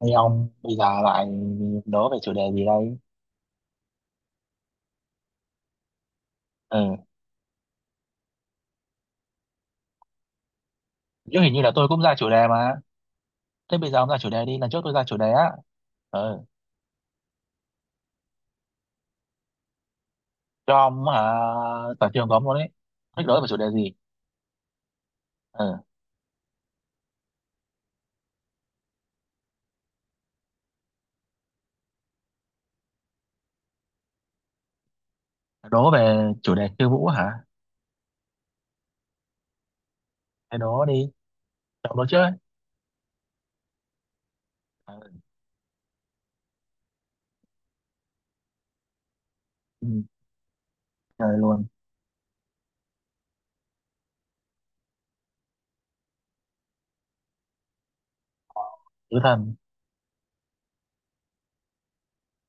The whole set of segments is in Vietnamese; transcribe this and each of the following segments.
Hay ông bây giờ lại đố về chủ đề gì đây? Ừ. Chứ hình như là tôi cũng ra chủ đề mà. Thế bây giờ ông ra chủ đề đi, lần trước tôi ra chủ đề á. Ừ, cho ông hả? Toàn trường có ông luôn đấy. Thích đố về chủ đề gì? Ừ, đố về chủ đề khiêu vũ hả? Thế đố đi, cho ông đố trước ấy. Ừ, ừ, trời luôn, tứ thần,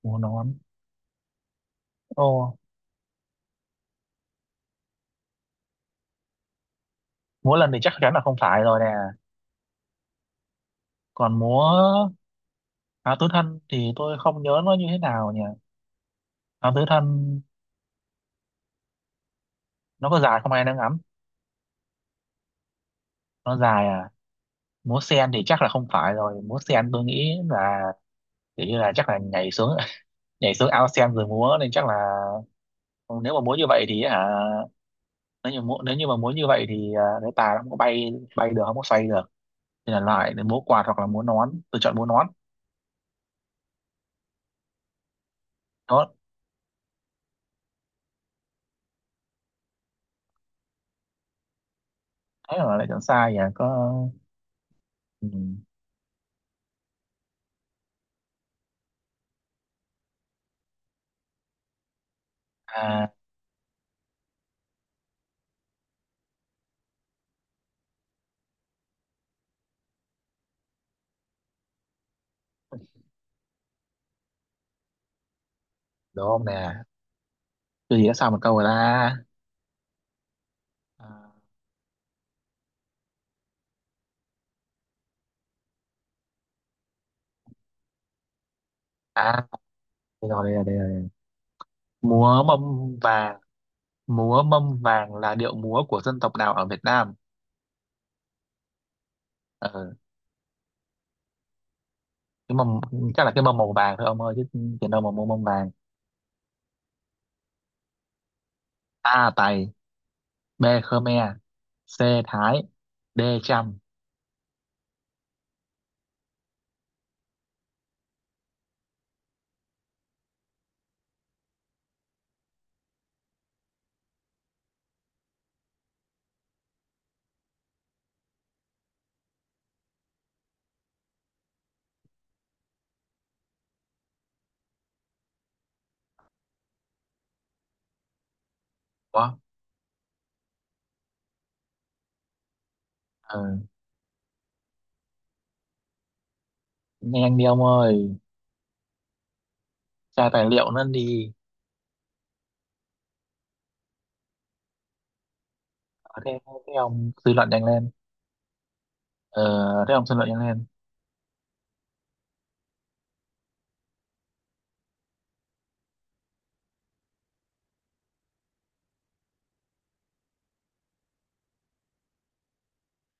múa nón. Ô, múa lần thì chắc chắn là không phải rồi nè. Còn múa áo tứ thân thì tôi không nhớ nó như thế nào nhỉ? Áo tứ thân nó có dài không ai đang ngắm. Nó dài à? Múa sen thì chắc là không phải rồi, múa sen tôi nghĩ là kiểu như là chắc là nhảy xuống nhảy xuống ao sen rồi múa nên chắc là nếu mà múa như vậy thì hả, nếu như mà múa như vậy thì cái tà nó không có bay bay được, không có xoay được thì là lại để múa quạt hoặc là múa nón, tôi chọn múa nón đó. Thế là lại chọn sai à? Có. Ừ. À, đúng không nè? Tôi gì đã sao một câu rồi ta. à à, Đây rồi, đây rồi, đây rồi. Múa mâm vàng. Múa mâm vàng là điệu múa của dân tộc nào ở Việt Nam? Ờ, cái mâm chắc là cái mâm màu vàng thôi ông ơi, chứ tiền đâu mà mua mâm vàng. A Tày, B Khmer, C Thái, D Chăm. Quá. Ừ. Nhanh đi ông ơi, tra tài liệu nó đi. Ờ, thế thế ông suy luận nhanh lên. ờ, Thế ông suy luận nhanh lên.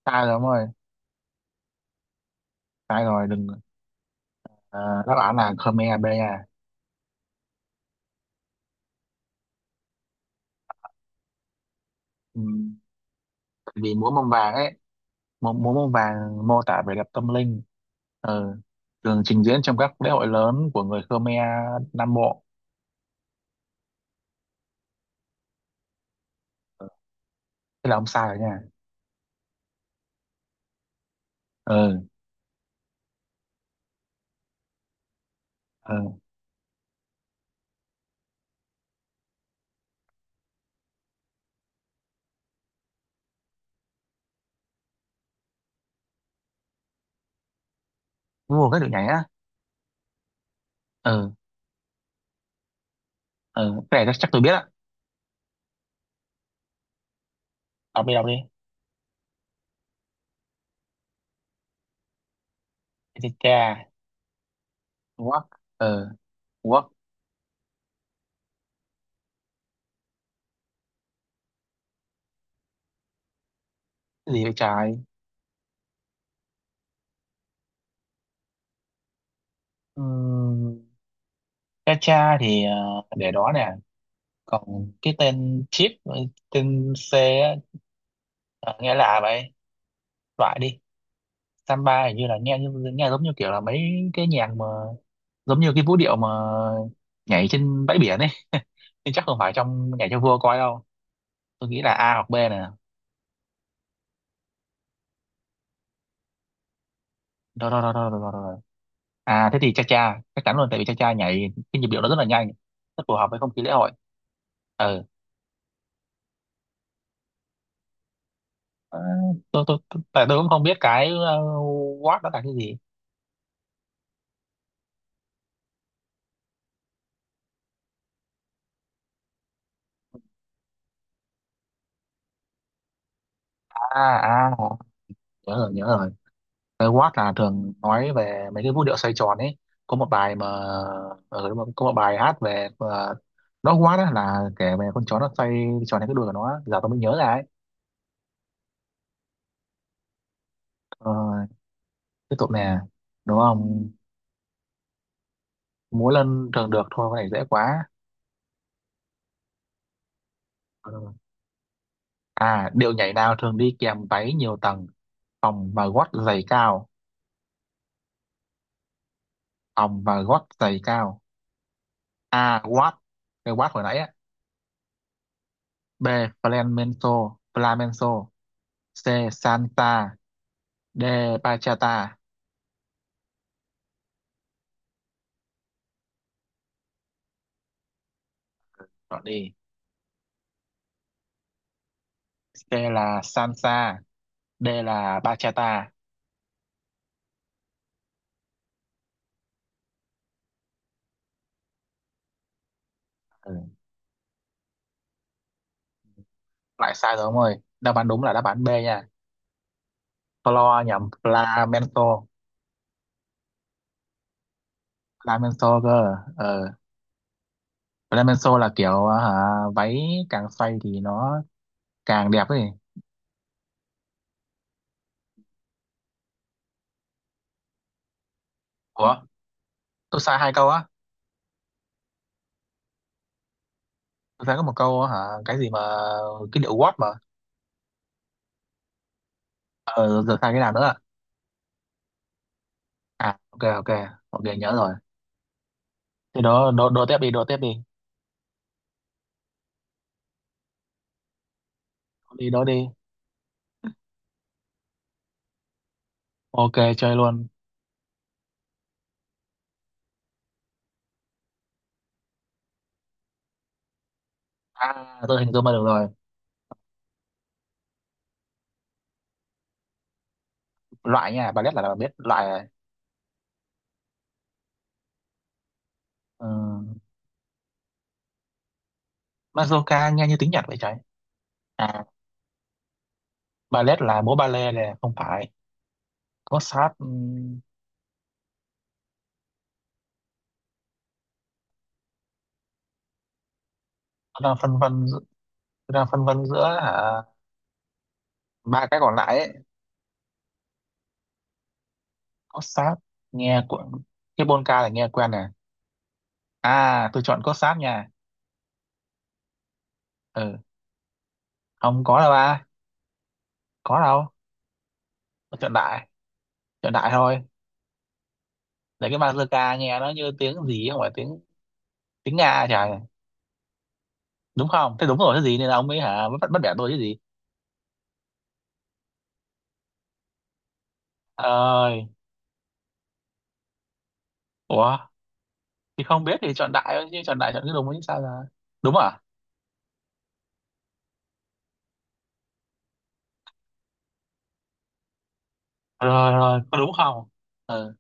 Sai rồi ông ơi, sai rồi đừng. Ờ, đáp án là Khmer B à. Ừ. Tại vì múa mâm vàng ấy, múa mâm vàng mô tả vẻ đẹp tâm linh. Ừ, thường trình diễn trong các lễ hội lớn của người Khmer Nam Bộ. Thế là ông sai rồi nha. Ừ. Ờ, vua các đội nhảy á. Ờ ờ, cái này chắc tôi biết á. Đọc đi, đọc đi. Chà, work, quốc. Ờ, quốc. Gì vậy trái? Ừm, cha cha thì để đó nè. Còn cái tên chip, tên C á. Ờ, Nghe lạ vậy. Loại đi. Samba hình như là nghe như nghe giống như kiểu là mấy cái nhạc mà, giống như cái vũ điệu mà nhảy trên bãi biển ấy nhưng chắc không phải trong nhảy cho vua coi đâu. Tôi nghĩ là A hoặc B nè. Đó đó đó đó đó, đó, đó. À, thế thì cha cha chắc chắn luôn, tại vì cha cha nhảy cái nhịp điệu nó rất là nhanh, rất phù hợp với không khí lễ hội. Ừ. Ờ. Tại tôi cũng không biết cái Watt đó là cái gì. À, à, nhớ rồi, nhớ rồi. Cái Watt là thường nói về mấy cái vũ điệu xoay tròn ấy. Có một bài mà, ừ, đúng rồi, có một bài hát về nó, Watt á là kể về con chó nó xoay tròn cái đuôi của nó. Giờ tôi mới nhớ ra ấy. Ờ, tiếp tục nè. Đúng không? Múa lân thường được, thôi cái này dễ quá. Ờ. À, điệu nhảy nào thường đi kèm váy nhiều tầng, vòng và gót giày cao, vòng và gót giày cao A. Watt, cái watt hồi nãy á. B. Flamenco, flamenco. C. Salsa, D. Bachata. Chọn đi. C là salsa, D là bachata. Ừ. Lại sai rồi ông ơi. Đáp án đúng là đáp án B nha. Flo nhầm flamenco, flamenco cơ. Ờ. Flamenco là kiểu hả, váy càng xoay thì nó càng đẹp ấy. Ủa, tôi sai hai câu á? Tôi sai có một câu á hả? Cái gì mà? Cái điệu Watt mà. Ờ Giờ sai cái nào nữa à? À, ok ok ok, nhớ rồi. Thế đó, đố đố tiếp đi, đố tiếp đi. Đi đố đi. Ok, chơi luôn. À, tôi hình dung ra được rồi. Loại nha, ballet là biết loại rồi. Ừ. Mazurka nghe như tiếng Nhật vậy trời. À, ballet là múa ballet này, không phải. Có sát, tôi đang phân vân giữa- tôi đang phân vân giữa hả, ba cái còn lại ấy. Có sát, nghe của cái polka là nghe quen nè. À, tôi chọn cốt sáp nha. Ừ, không có đâu ba. Có đâu. Tôi chọn đại, chọn đại thôi. Để cái bazooka nghe nó như tiếng gì không phải tiếng tiếng Nga trời. Đúng không? Thế đúng rồi, cái gì nên là ông ấy hả, bắt bắt bẻ tôi chứ gì. Ơi. Ủa, thì không biết thì chọn đại thôi, chứ chọn đại chọn cái đúng chứ sao là. Đúng à? Rồi rồi, có đúng không? Ừ.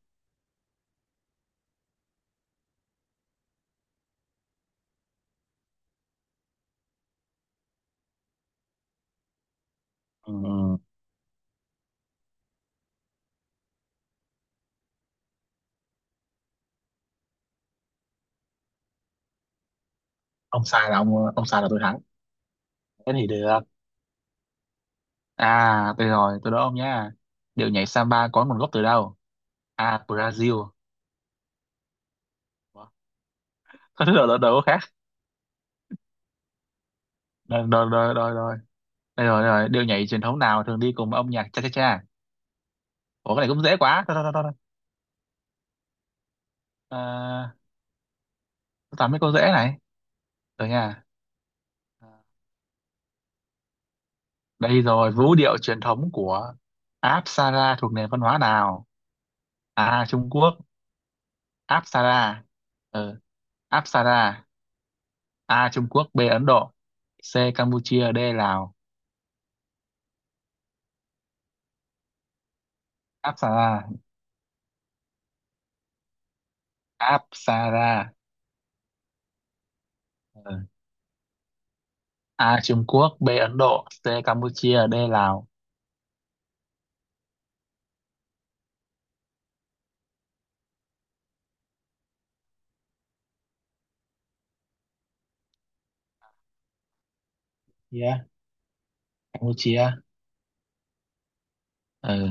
Ừ. Ông sai là ông, sai là tôi thắng. Thế thì được. À, tôi đố ông nhá. Điệu nhảy samba có nguồn gốc từ đâu? A. Brazil. Ủa? Có thứ đầu đầu khác. Rồi, rồi, rồi, rồi, rồi. Đây rồi, đây rồi. Điệu nhảy truyền thống nào thường đi cùng với âm nhạc cha cha cha? Ủa, cái này cũng dễ quá. Thôi, thôi, thôi, thôi. À, tôi toàn mấy câu dễ này. Rồi nha. Đây rồi, vũ điệu truyền thống của Apsara thuộc nền văn hóa nào? A. Trung Quốc. Apsara. Ừ. Apsara. A. Trung Quốc. B. Ấn Độ. C. Campuchia. D. Lào. Apsara. Apsara. Ừ. A. Trung Quốc. B. Ấn Độ. C. Campuchia. D. Lào. Yeah. Campuchia. Ừ.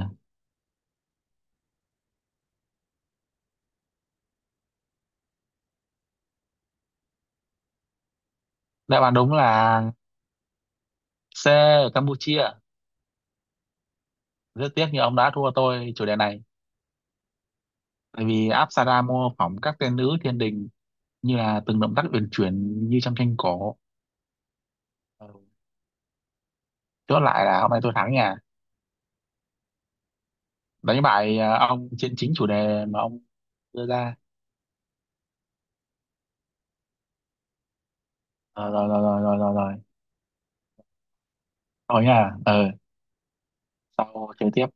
Đáp án đúng là C, ở Campuchia. Rất tiếc như ông đã thua tôi chủ đề này. Tại vì Apsara mô phỏng các tên nữ thiên đình, như là từng động tác uyển chuyển như trong tranh cổ. Ừ. Chốt lại là hôm nay tôi thắng nha, đánh bại ông trên chính chủ đề mà ông đưa ra. Ờ, rồi rồi rồi rồi rồi rồi. Thôi nha. Ừ. Sau chơi tiếp.